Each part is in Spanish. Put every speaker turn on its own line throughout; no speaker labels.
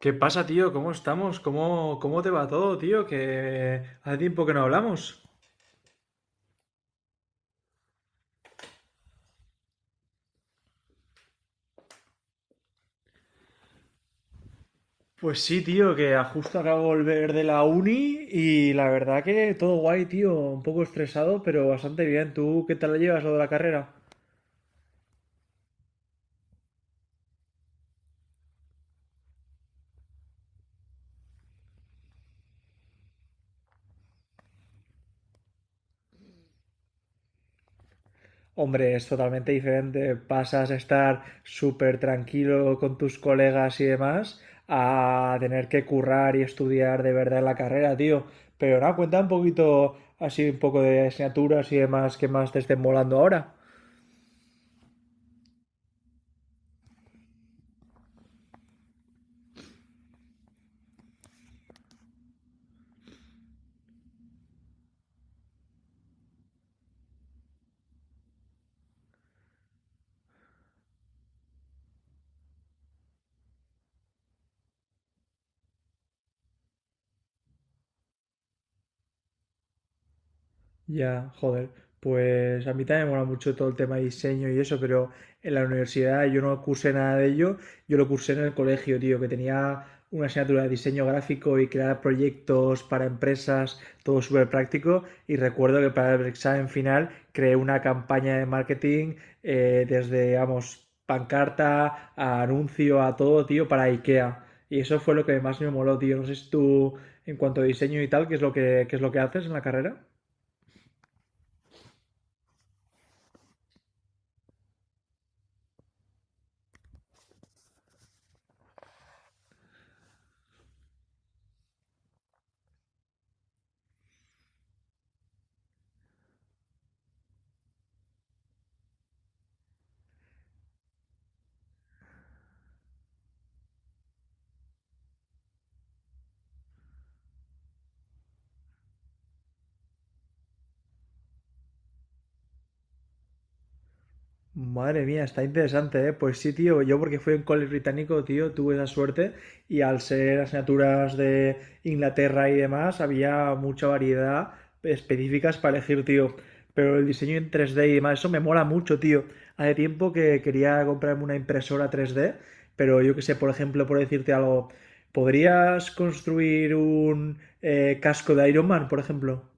¿Qué pasa, tío? ¿Cómo estamos? ¿Cómo te va todo, tío? Que hace tiempo que no hablamos. Pues sí, tío, que justo acabo de volver de la uni y la verdad que todo guay, tío. Un poco estresado, pero bastante bien. ¿Tú qué tal lo llevas lo de la carrera? Hombre, es totalmente diferente. Pasas a estar súper tranquilo con tus colegas y demás a tener que currar y estudiar de verdad en la carrera, tío. Pero nada, cuenta un poquito así, un poco de asignaturas y demás que más te estén volando ahora. Ya, joder, pues a mí también me mola mucho todo el tema de diseño y eso, pero en la universidad yo no cursé nada de ello, yo lo cursé en el colegio, tío, que tenía una asignatura de diseño gráfico y crear proyectos para empresas, todo súper práctico, y recuerdo que para el examen final creé una campaña de marketing, desde, vamos, pancarta a anuncio, a todo, tío, para IKEA. Y eso fue lo que más me moló, tío. No sé si tú, en cuanto a diseño y tal, ¿qué es lo que haces en la carrera? Madre mía, está interesante, ¿eh? Pues sí, tío, yo porque fui a un cole británico, tío, tuve esa suerte y al ser asignaturas de Inglaterra y demás, había mucha variedad específicas para elegir, tío. Pero el diseño en 3D y demás, eso me mola mucho, tío. Hace tiempo que quería comprarme una impresora 3D, pero yo que sé, por ejemplo, por decirte algo, ¿podrías construir un casco de Iron Man, por ejemplo?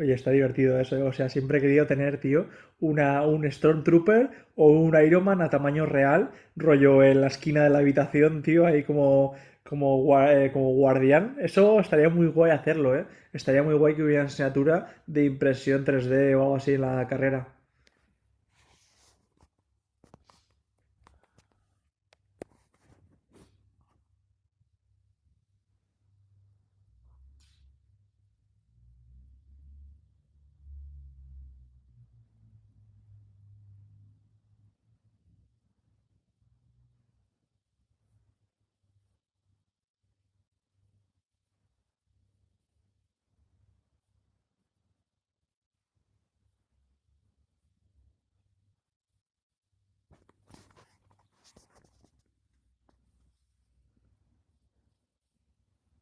Oye, está divertido eso, ¿eh? O sea, siempre he querido tener, tío, una, un Stormtrooper o un Iron Man a tamaño real, rollo en la esquina de la habitación, tío, ahí como, como, como guardián. Eso estaría muy guay hacerlo, ¿eh? Estaría muy guay que hubiera asignatura de impresión 3D o algo así en la carrera.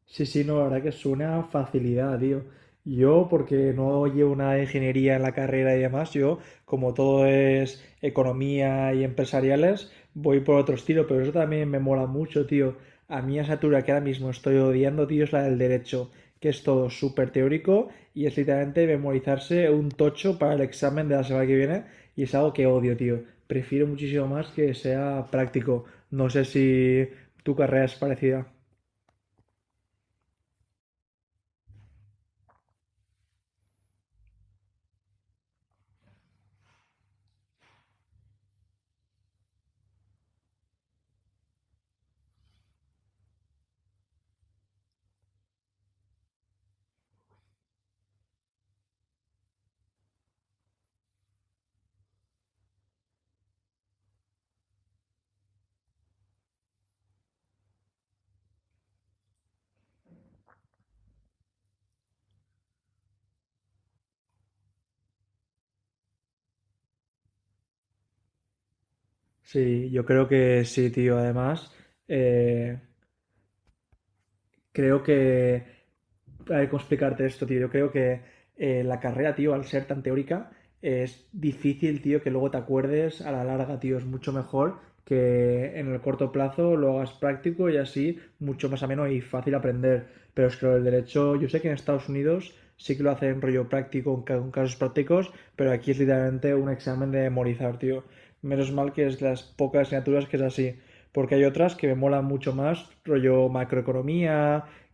Sí, sí, no, la verdad que es una facilidad, tío. Yo, porque no llevo nada de ingeniería en la carrera y demás, yo, como todo es economía y empresariales, voy por otro estilo, pero eso también me mola mucho, tío. A mí esa asignatura que ahora mismo estoy odiando, tío, es la del derecho, que es todo súper teórico y es literalmente memorizarse un tocho para el examen de la semana que viene y es algo que odio, tío. Prefiero muchísimo más que sea práctico. No sé si tu carrera es parecida. Sí, yo creo que sí, tío. Además, eh, creo que a ver, ¿cómo explicarte esto, tío? Yo creo que la carrera, tío, al ser tan teórica, es difícil, tío, que luego te acuerdes a la larga, tío. Es mucho mejor que en el corto plazo lo hagas práctico y así mucho más ameno y fácil aprender. Pero es que lo del derecho, yo sé que en Estados Unidos sí que lo hacen rollo práctico, con con casos prácticos, pero aquí es literalmente un examen de memorizar, tío. Menos mal que es las pocas asignaturas que es así, porque hay otras que me molan mucho más, rollo macroeconomía,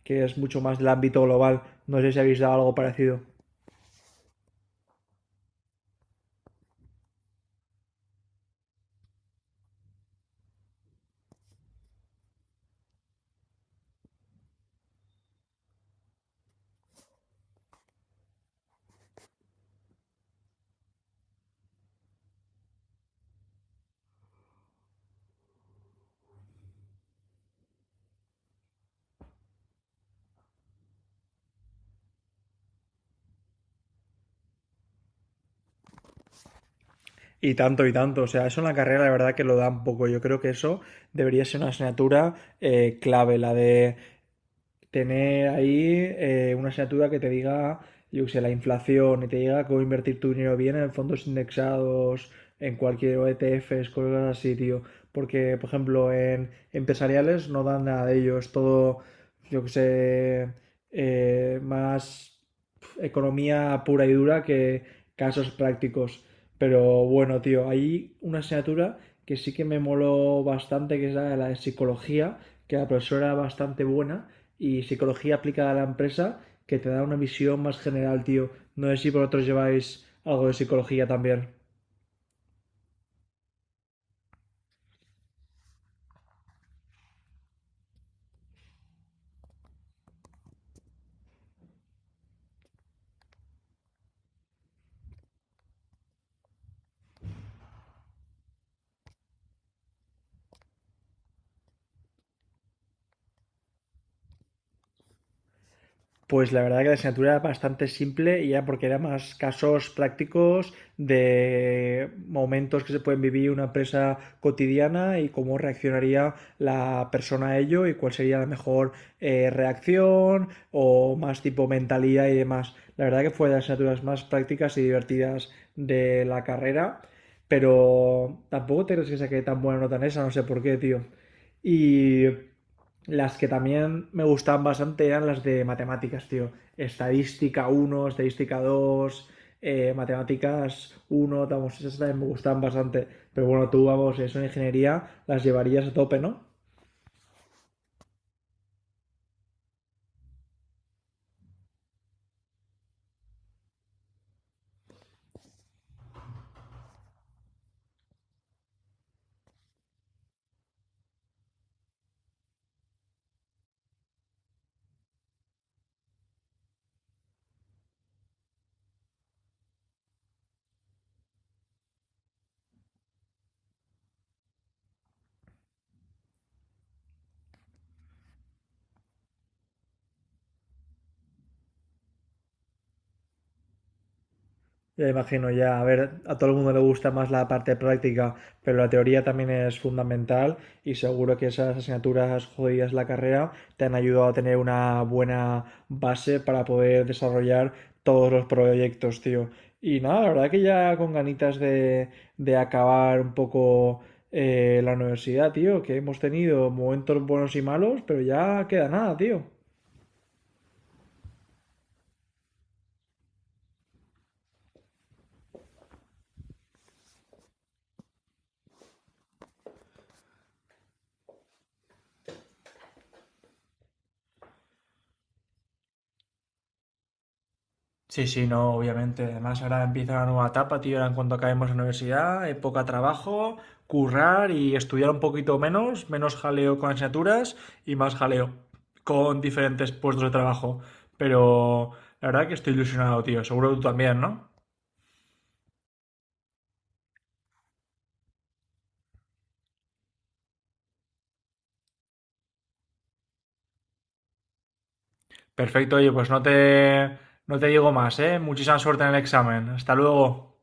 que es mucho más del ámbito global. No sé si habéis dado algo parecido. Y tanto, y tanto. O sea, eso en la carrera, la verdad que lo da un poco. Yo creo que eso debería ser una asignatura clave, la de tener ahí una asignatura que te diga, yo qué sé, la inflación y te diga cómo invertir tu dinero bien en fondos indexados, en cualquier ETFs, cosas así, tío. Porque, por ejemplo, en empresariales no dan nada de ello, es todo, yo qué sé, más economía pura y dura que casos prácticos. Pero bueno, tío, hay una asignatura que sí que me moló bastante, que es la de psicología, que la profesora era bastante buena y psicología aplicada a la empresa que te da una visión más general, tío. No sé si vosotros lleváis algo de psicología también. Pues la verdad que la asignatura era bastante simple y era porque era más casos prácticos de momentos que se pueden vivir una empresa cotidiana y cómo reaccionaría la persona a ello y cuál sería la mejor reacción o más tipo mentalidad y demás. La verdad que fue de las asignaturas más prácticas y divertidas de la carrera, pero tampoco te crees que saqué tan buena nota en esa, no sé por qué, tío. Y las que también me gustaban bastante eran las de matemáticas, tío. Estadística uno, estadística dos, matemáticas uno, vamos, esas también me gustaban bastante. Pero bueno, tú, vamos, eso en ingeniería las llevarías a tope, ¿no? Ya imagino, ya, a ver, a todo el mundo le gusta más la parte práctica, pero la teoría también es fundamental y seguro que esas asignaturas jodidas de la carrera te han ayudado a tener una buena base para poder desarrollar todos los proyectos, tío. Y nada, la verdad que ya con ganitas de, acabar un poco, la universidad, tío, que hemos tenido momentos buenos y malos, pero ya queda nada, tío. Sí, sí, no, obviamente. Además, ahora empieza una nueva etapa, tío. Ahora en cuanto acabemos la universidad, época trabajo, currar y estudiar un poquito menos, menos jaleo con asignaturas y más jaleo con diferentes puestos de trabajo. Pero la verdad que estoy ilusionado, tío. Seguro tú también, ¿no? Perfecto, oye, pues no te, digo más, ¿eh? Muchísima suerte en el examen. Hasta luego.